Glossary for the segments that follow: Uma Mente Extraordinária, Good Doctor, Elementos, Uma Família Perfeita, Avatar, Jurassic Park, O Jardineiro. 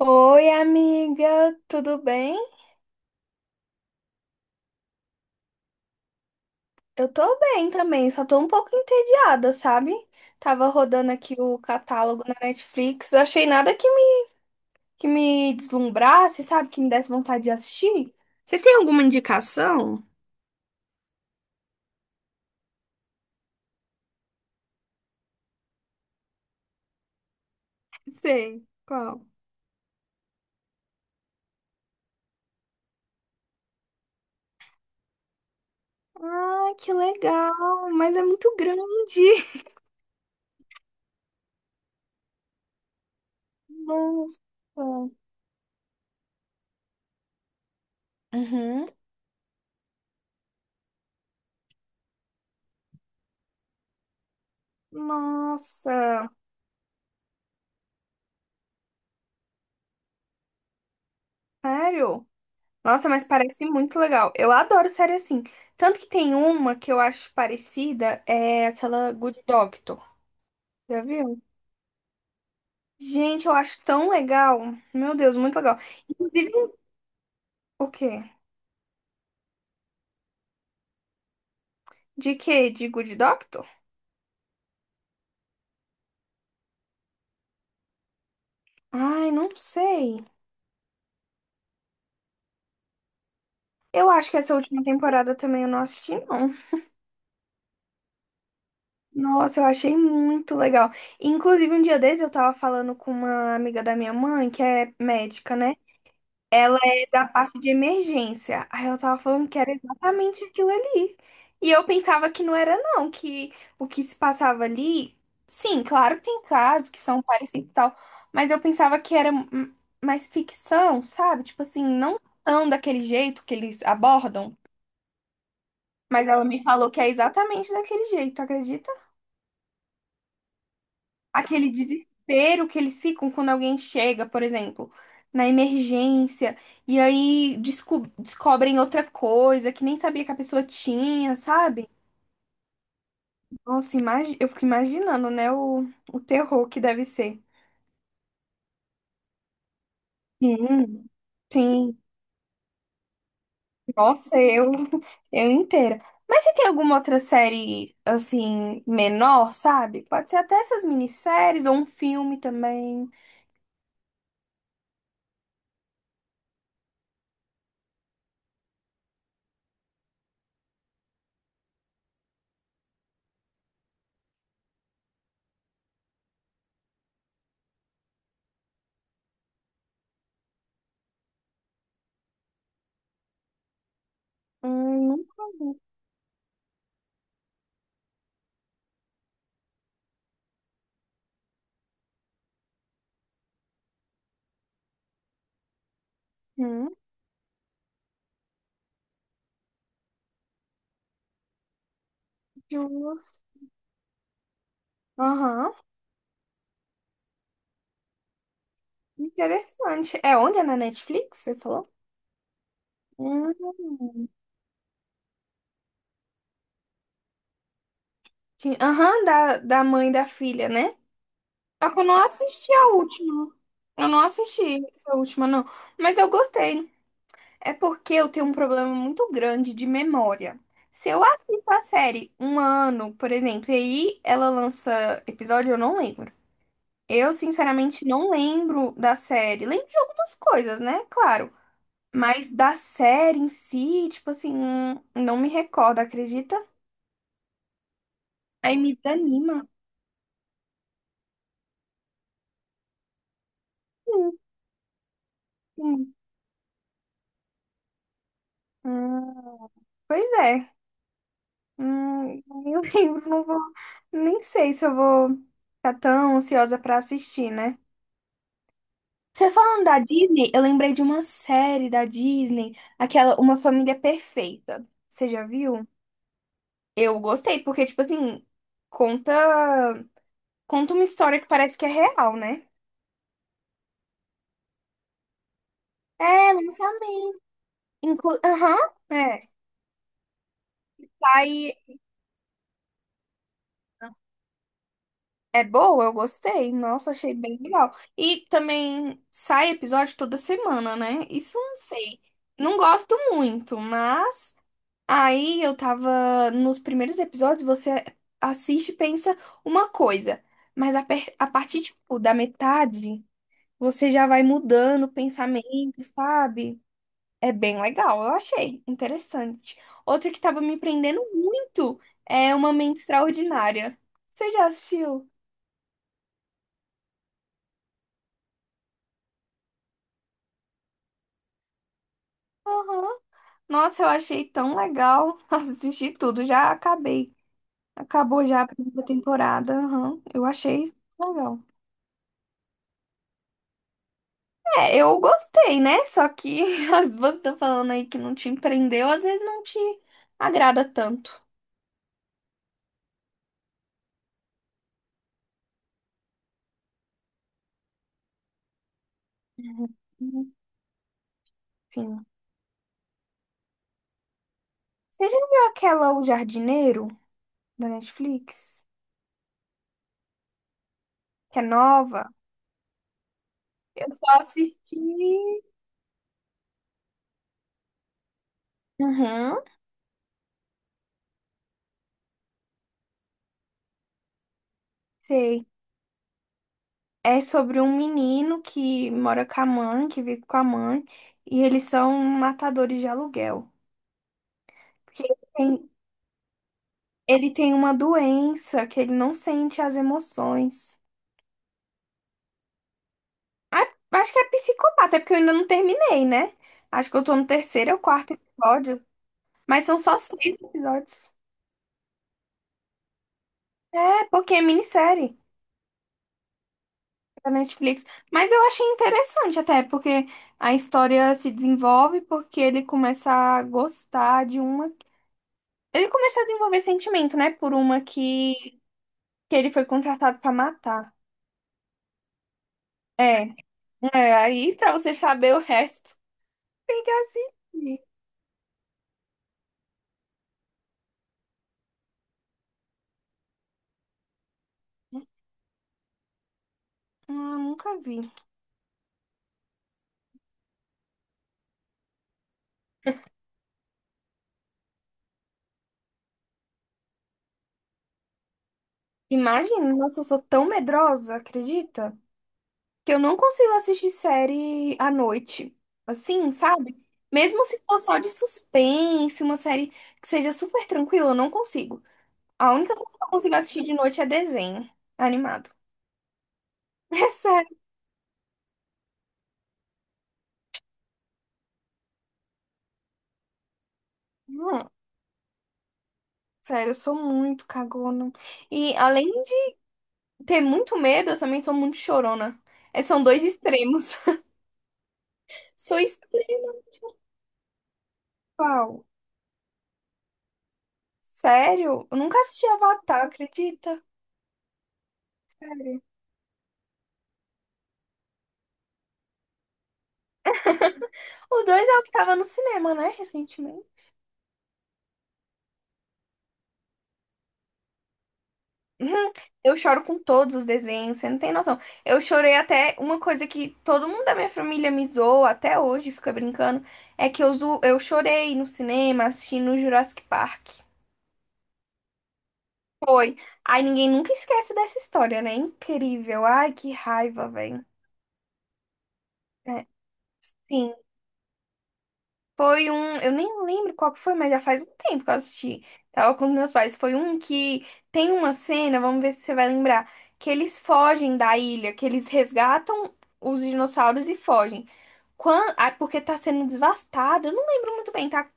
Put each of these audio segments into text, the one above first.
Oi, amiga, tudo bem? Eu tô bem também, só tô um pouco entediada, sabe? Tava rodando aqui o catálogo na Netflix, achei nada que que me deslumbrasse, sabe? Que me desse vontade de assistir. Você tem alguma indicação? Sei, qual? Ah, que legal, mas é muito grande. Nossa. Uhum. Nossa, sério? Nossa, mas parece muito legal. Eu adoro série assim. Tanto que tem uma que eu acho parecida, é aquela Good Doctor. Já viu? Gente, eu acho tão legal. Meu Deus, muito legal. Inclusive, o quê? De quê? De Good Doctor? Ai, não sei. Eu acho que essa última temporada também eu não assisti, não. Nossa, eu achei muito legal. Inclusive, um dia desses eu tava falando com uma amiga da minha mãe, que é médica, né? Da parte de emergência. Aí eu tava falando que era exatamente aquilo ali. E eu pensava que não era, não, que o que se passava ali, sim, claro que tem casos que são parecidos e tal, mas eu pensava que era mais ficção, sabe? Tipo assim, não tão daquele jeito que eles abordam, mas ela me falou que é exatamente daquele jeito, acredita? Aquele desespero que eles ficam quando alguém chega, por exemplo, na emergência, e aí descobrem outra coisa que nem sabia que a pessoa tinha, sabe? Nossa, eu fico imaginando, né, o terror que deve ser. Sim, sim. Nossa, eu inteira. Mas se tem alguma outra série, assim, menor, sabe? Pode ser até essas minisséries ou um filme também. Nunca vi. Hum, justo. Aham. Interessante. É onde? É na Netflix, você falou? Hum. Ti- Aham, da mãe da filha, né? Só que eu não assisti a última. Eu não assisti essa última, não. Mas eu gostei. É porque eu tenho um problema muito grande de memória. Se eu assisto a série um ano, por exemplo, e aí ela lança episódio, eu não lembro. Eu, sinceramente, não lembro da série. Lembro de algumas coisas, né? Claro. Mas da série em si, tipo assim, não me recordo, acredita? Aí me desanima. Sim, sim. Hum, pois é. Nem lembro, não vou. Nem sei se eu vou ficar tão ansiosa pra assistir, né? Você falando da Disney, eu lembrei de uma série da Disney, aquela Uma Família Perfeita. Você já viu? Eu gostei, porque, tipo assim, conta, conta uma história que parece que é real, né? É, lançamento. Inclu- Aham. É. Sai. É boa, eu gostei. Nossa, achei bem legal. E também sai episódio toda semana, né? Isso eu não sei. Não gosto muito, mas aí eu tava nos primeiros episódios, você assiste e pensa uma coisa, mas a partir tipo, da metade, você já vai mudando o pensamento, sabe? É bem legal, eu achei interessante. Outra que tava me prendendo muito é Uma Mente Extraordinária. Você já assistiu? Aham. Nossa, eu achei tão legal assistir tudo. Já acabei. Acabou já a primeira temporada. Aham. Eu achei isso legal. É, eu gostei, né? Só que as você tá falando aí que não te empreendeu, às vezes não te agrada tanto. Uhum. Sim. Você já viu aquela O Jardineiro da Netflix? Que é nova? Eu só assisti. Uhum, sei. É sobre um menino que mora com a mãe, que vive com a mãe, e eles são matadores de aluguel. Porque ele ele tem uma doença que ele não sente as emoções. Ah, acho que é psicopata, é porque eu ainda não terminei, né? Acho que eu tô no terceiro ou quarto episódio, mas são só seis episódios. É, porque é minissérie da Netflix. Mas eu achei interessante até, porque a história se desenvolve porque ele começa a gostar de uma Ele começou a desenvolver sentimento, né? Por uma que ele foi contratado pra matar. É, aí pra você saber o resto, tem que assistir. Ah, nunca vi. Imagina, nossa, eu sou tão medrosa, acredita? Que eu não consigo assistir série à noite. Assim, sabe? Mesmo se for só de suspense, uma série que seja super tranquila, eu não consigo. A única coisa que eu consigo assistir de noite é desenho animado. É sério. Sério, eu sou muito cagona. E além de ter muito medo, eu também sou muito chorona. É, são dois extremos. Sou extrema, pau. Sério? Eu nunca assisti Avatar, acredita? Sério. O dois é o que tava no cinema, né, recentemente. Uhum. Eu choro com todos os desenhos, você não tem noção. Eu chorei até uma coisa que todo mundo da minha família me zoa até hoje, fica brincando, é que eu, zo... eu chorei no cinema assistindo Jurassic Park. Foi. Ai, ninguém nunca esquece dessa história, né? Incrível. Ai, que raiva, velho. É, sim. Foi um. Eu nem lembro qual que foi, mas já faz um tempo que eu assisti. Tava com os meus pais. Foi um que tem uma cena, vamos ver se você vai lembrar, que eles fogem da ilha, que eles resgatam os dinossauros e fogem. Quando... Ah, porque tá sendo devastado. Eu não lembro muito bem, tá?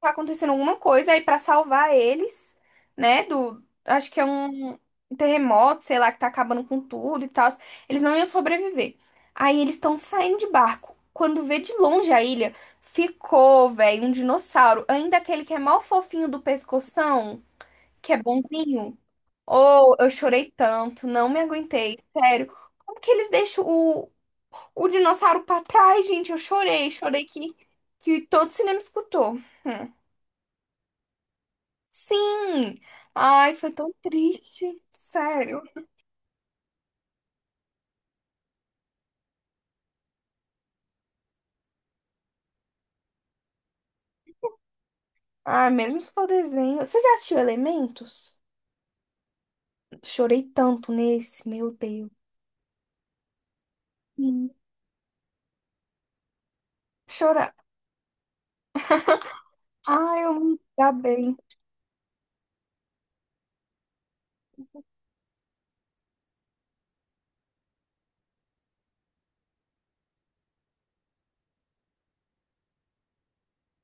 Tá acontecendo alguma coisa aí pra salvar eles, né, do acho que é um terremoto, sei lá, que tá acabando com tudo e tal. Eles não iam sobreviver. Aí eles estão saindo de barco. Quando vê de longe a ilha, ficou, velho, um dinossauro, ainda aquele que é mal fofinho do pescoção, que é bonzinho. Oh, eu chorei tanto, não me aguentei, sério. Como que eles deixam o dinossauro pra trás, gente? Eu chorei, que todo cinema escutou. Hum. Sim! Ai, foi tão triste. Sério. Ah, mesmo se for desenho. Você já assistiu Elementos? Chorei tanto nesse, meu Deus. Sim. Chorar. Ai, eu me dá bem.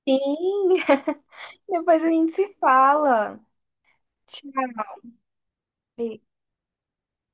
Sim! Depois a gente se fala. Tchau.